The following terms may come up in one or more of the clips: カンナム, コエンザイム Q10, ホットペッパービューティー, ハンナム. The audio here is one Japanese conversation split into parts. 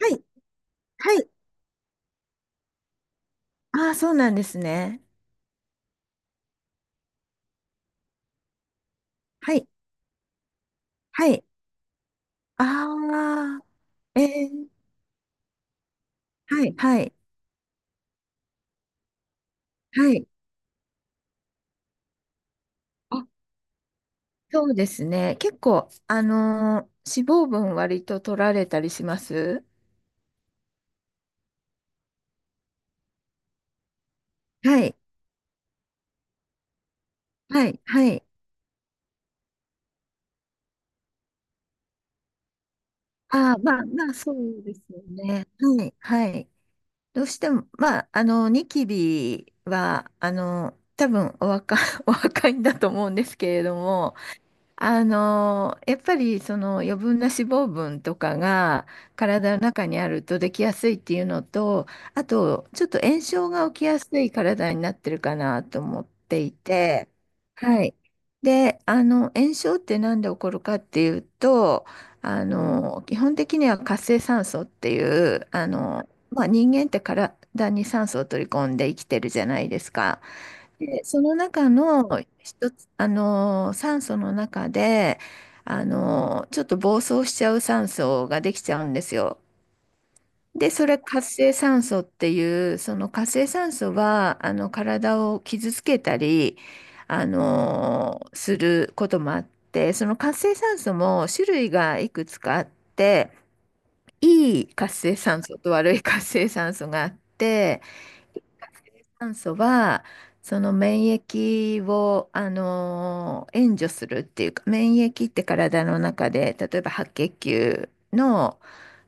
はい、はい。ああ、そうなんですね。はい、はい。ああ、ええ、はい、はい、はい。あ、そうですね。結構、脂肪分割と取られたりします。はい、はい、はい。ああ、まあ、まあ、そうですよね。はい、はい。どうしても、まあ、ニキビは、多分お若、お若いんだと思うんですけれども、やっぱりその余分な脂肪分とかが体の中にあるとできやすいっていうのと、あとちょっと炎症が起きやすい体になってるかなと思っていて、はい。で、炎症って何で起こるかっていうと、基本的には活性酸素っていう、まあ、人間って体に酸素を取り込んで生きてるじゃないですか。で、その中の一つ、酸素の中で、ちょっと暴走しちゃう酸素ができちゃうんですよ。で、それ活性酸素っていう、その活性酸素は、体を傷つけたり、することもあって、その活性酸素も種類がいくつかあって、いい活性酸素と悪い活性酸素があって、酸素はその免疫を、援助するっていうか、免疫って体の中で例えば白血球の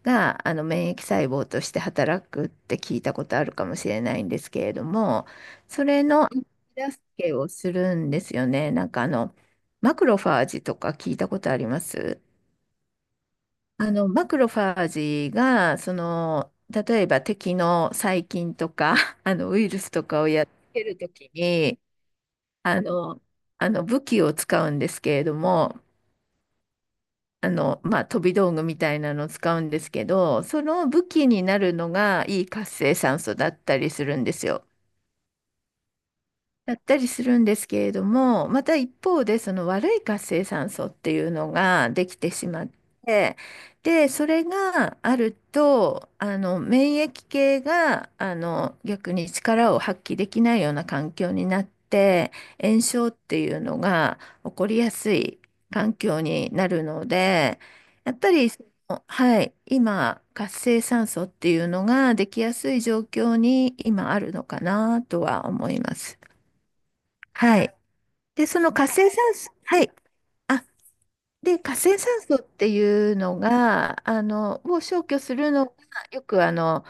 が免疫細胞として働くって聞いたことあるかもしれないんですけれども、それの手助けをするんですよね。なんかマクロファージとか聞いたことあります？マクロファージが、その、例えば敵の細菌とか、ウイルスとかをやっつけるときに、あの、武器を使うんですけれども、まあ、飛び道具みたいなのを使うんですけど、その武器になるのがいい活性酸素だったりするんですよ。やったりするんですけれども、また一方でその悪い活性酸素っていうのができてしまって、で、それがあると、免疫系が逆に力を発揮できないような環境になって、炎症っていうのが起こりやすい環境になるので、やっぱりその、はい、今、活性酸素っていうのができやすい状況に今あるのかなとは思います。はい。で、その活性酸素、はい。あ、で、活性酸素っていうのが、を消去するのが、よく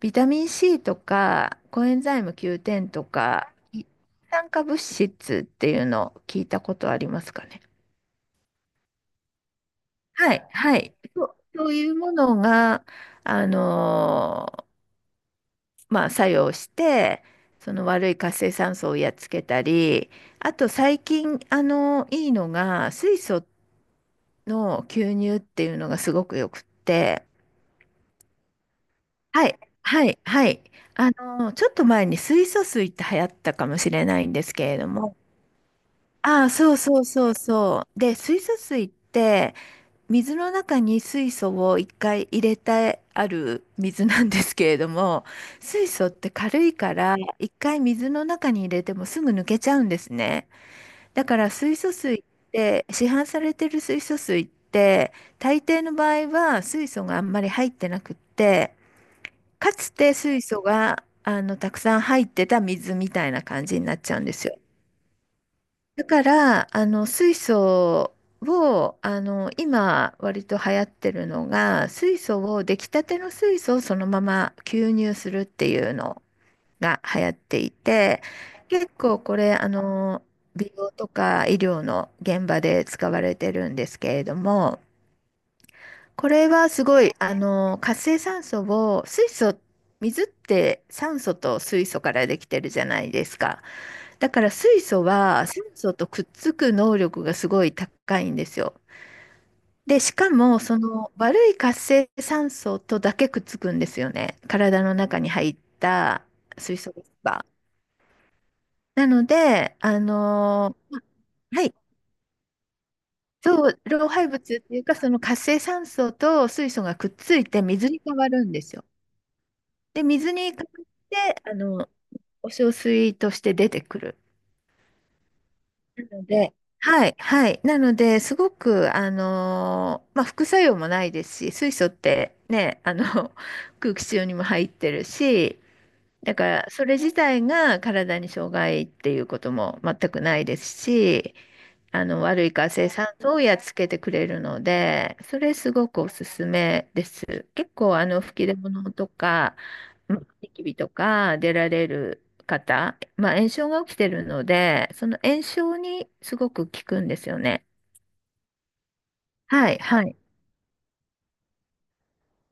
ビタミン C とか、コエンザイム Q10 とか、い酸化物質っていうのを聞いたことありますかね？はい、はい。そう、そういうものが、あのーまあ、作用して、その悪い活性酸素をやっつけたり、あと最近、あのいいのが、水素っの牛乳っていうのがすごくよくって、はい、はい、はい。ちょっと前に水素水って流行ったかもしれないんですけれども、ああ、そうそうそうそう。で、水素水って水の中に水素を一回入れてある水なんですけれども、水素って軽いから一回水の中に入れてもすぐ抜けちゃうんですね。だから水素水って、市販されてる水素水って大抵の場合は水素があんまり入ってなくって、かつて水素がたくさん入ってた水みたいな感じになっちゃうんですよ。だから水素を今割と流行ってるのが、水素を出来たての水素をそのまま吸入するっていうのが流行っていて、結構これ、美容とか医療の現場で使われてるんですけれども、これはすごい、活性酸素を、水素、水って酸素と水素からできてるじゃないですか。だから水素は酸素とくっつく能力がすごい高いんですよ。で、しかも、その悪い活性酸素とだけくっつくんですよね。体の中に入った水素が。なので、はい、そう、老廃物っていうか、その活性酸素と水素がくっついて水に変わるんですよ。で、水に変わって、お小水として出てくる。なので、はい、はい。なので、すごく、まあ、副作用もないですし、水素ってね、空気中にも入ってるし、だから、それ自体が体に障害っていうことも全くないですし、悪い活性酸素をやっつけてくれるので、それすごくおすすめです。結構吹き出物とか、うん、ニキビとか出られる方、まあ、炎症が起きてるので、その炎症にすごく効くんですよね。はい、はい、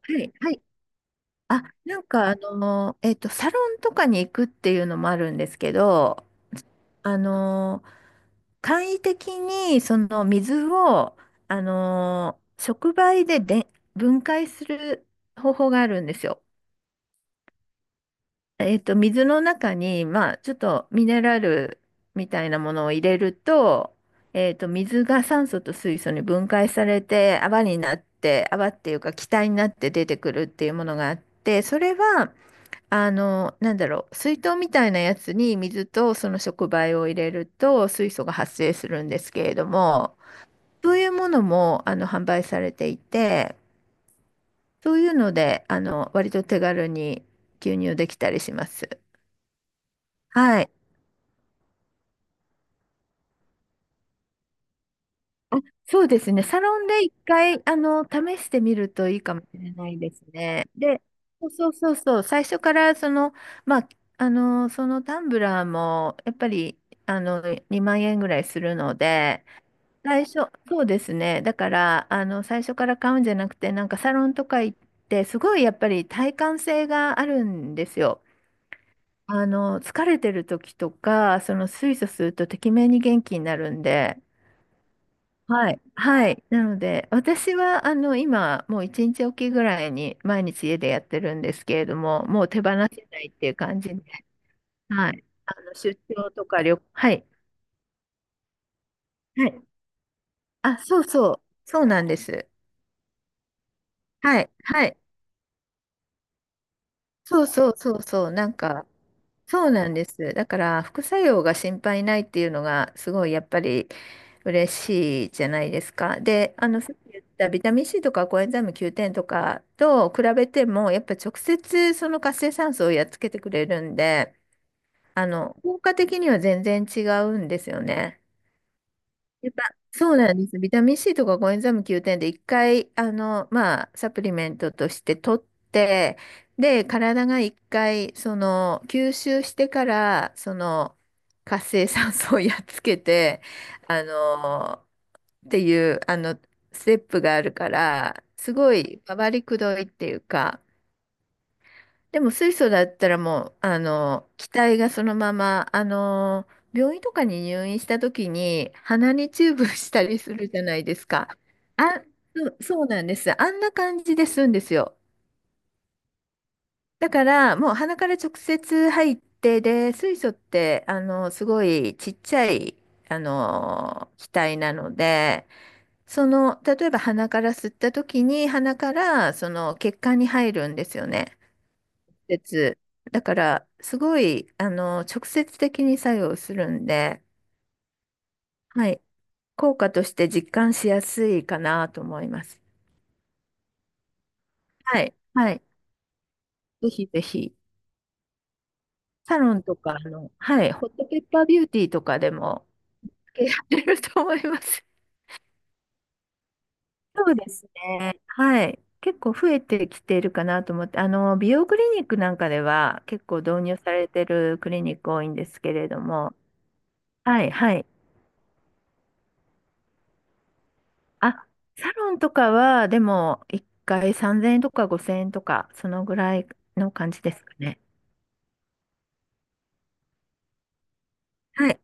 はい、はい。あ、なんかサロンとかに行くっていうのもあるんですけど、あのー簡易的にその水を、触媒で、で分解する方法があるんですよ。えっと、水の中に、まあ、ちょっとミネラルみたいなものを入れると、えっと、水が酸素と水素に分解されて泡になって、泡っていうか気体になって出てくるっていうものがあって、それはなんだろう、水筒みたいなやつに水とその触媒を入れると水素が発生するんですけれども、そういうものも販売されていて、そういうので、割と手軽に吸入できたりします。はい。あ、そうですね。サロンで一回、試してみるといいかもしれないですね。で、そうそうそうそう、最初からその、まあ、そのタンブラーも、やっぱり、あの、2万円ぐらいするので、最初、そうですね。だから、最初から買うんじゃなくて、なんかサロンとか行って、すごいやっぱり体感性があるんですよ。疲れてる時とか、その水素するとてきめんに元気になるんで、はい。はい。なので、私は、今、もう一日おきぐらいに毎日家でやってるんですけれども、もう手放せないっていう感じで、はい。出張とか旅行、はい。はい。あ、そうそう。そうなんです。はい。はい。そうそうそうそう、なんか、そうなんです。だから、副作用が心配ないっていうのが、すごいやっぱり嬉しいじゃないですか。で、さっき言ったビタミン C とかコエンザイム Q10 とかと比べても、やっぱ直接その活性酸素をやっつけてくれるんで、効果的には全然違うんですよね。やっぱ、そうなんです。ビタミン C とかコエンザイム Q10 で一回、まあ、サプリメントとして取って、で、体が一回、その、吸収してから、その、活性酸素をやっつけて、あの、っていう、あの、ステップがあるから、すごい、回りくどいっていうか、でも水素だったらもう、気体がそのまま、病院とかに入院した時に鼻にチューブしたりするじゃないですか。あ、そうそうなんです。あんな感じで吸うんですよ。だからもう鼻から直接入って、で、水素って、すごいちっちゃい、気体なので、その、例えば鼻から吸った時に鼻からその血管に入るんですよね。接。だから、すごい、直接的に作用するんで、はい。効果として実感しやすいかなと思います。はい。はい。ぜひぜひ。サロンとか、はい。ホットペッパービューティーとかでも、やってると思います。そうですね。はい。結構増えてきているかなと思って、美容クリニックなんかでは結構導入されてるクリニック多いんですけれども、はい、はい。あ、サロンとかは、でも、一回3000円とか5000円とか、そのぐらいの感じですかね。はい。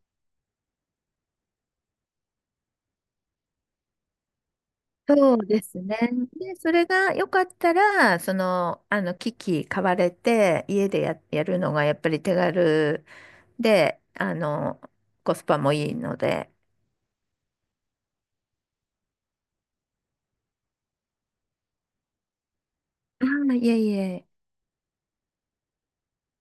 そうですね。で、それが良かったら、その、機器買われて、家でや、やるのがやっぱり手軽で、コスパもいいので、ああ、いえいえ。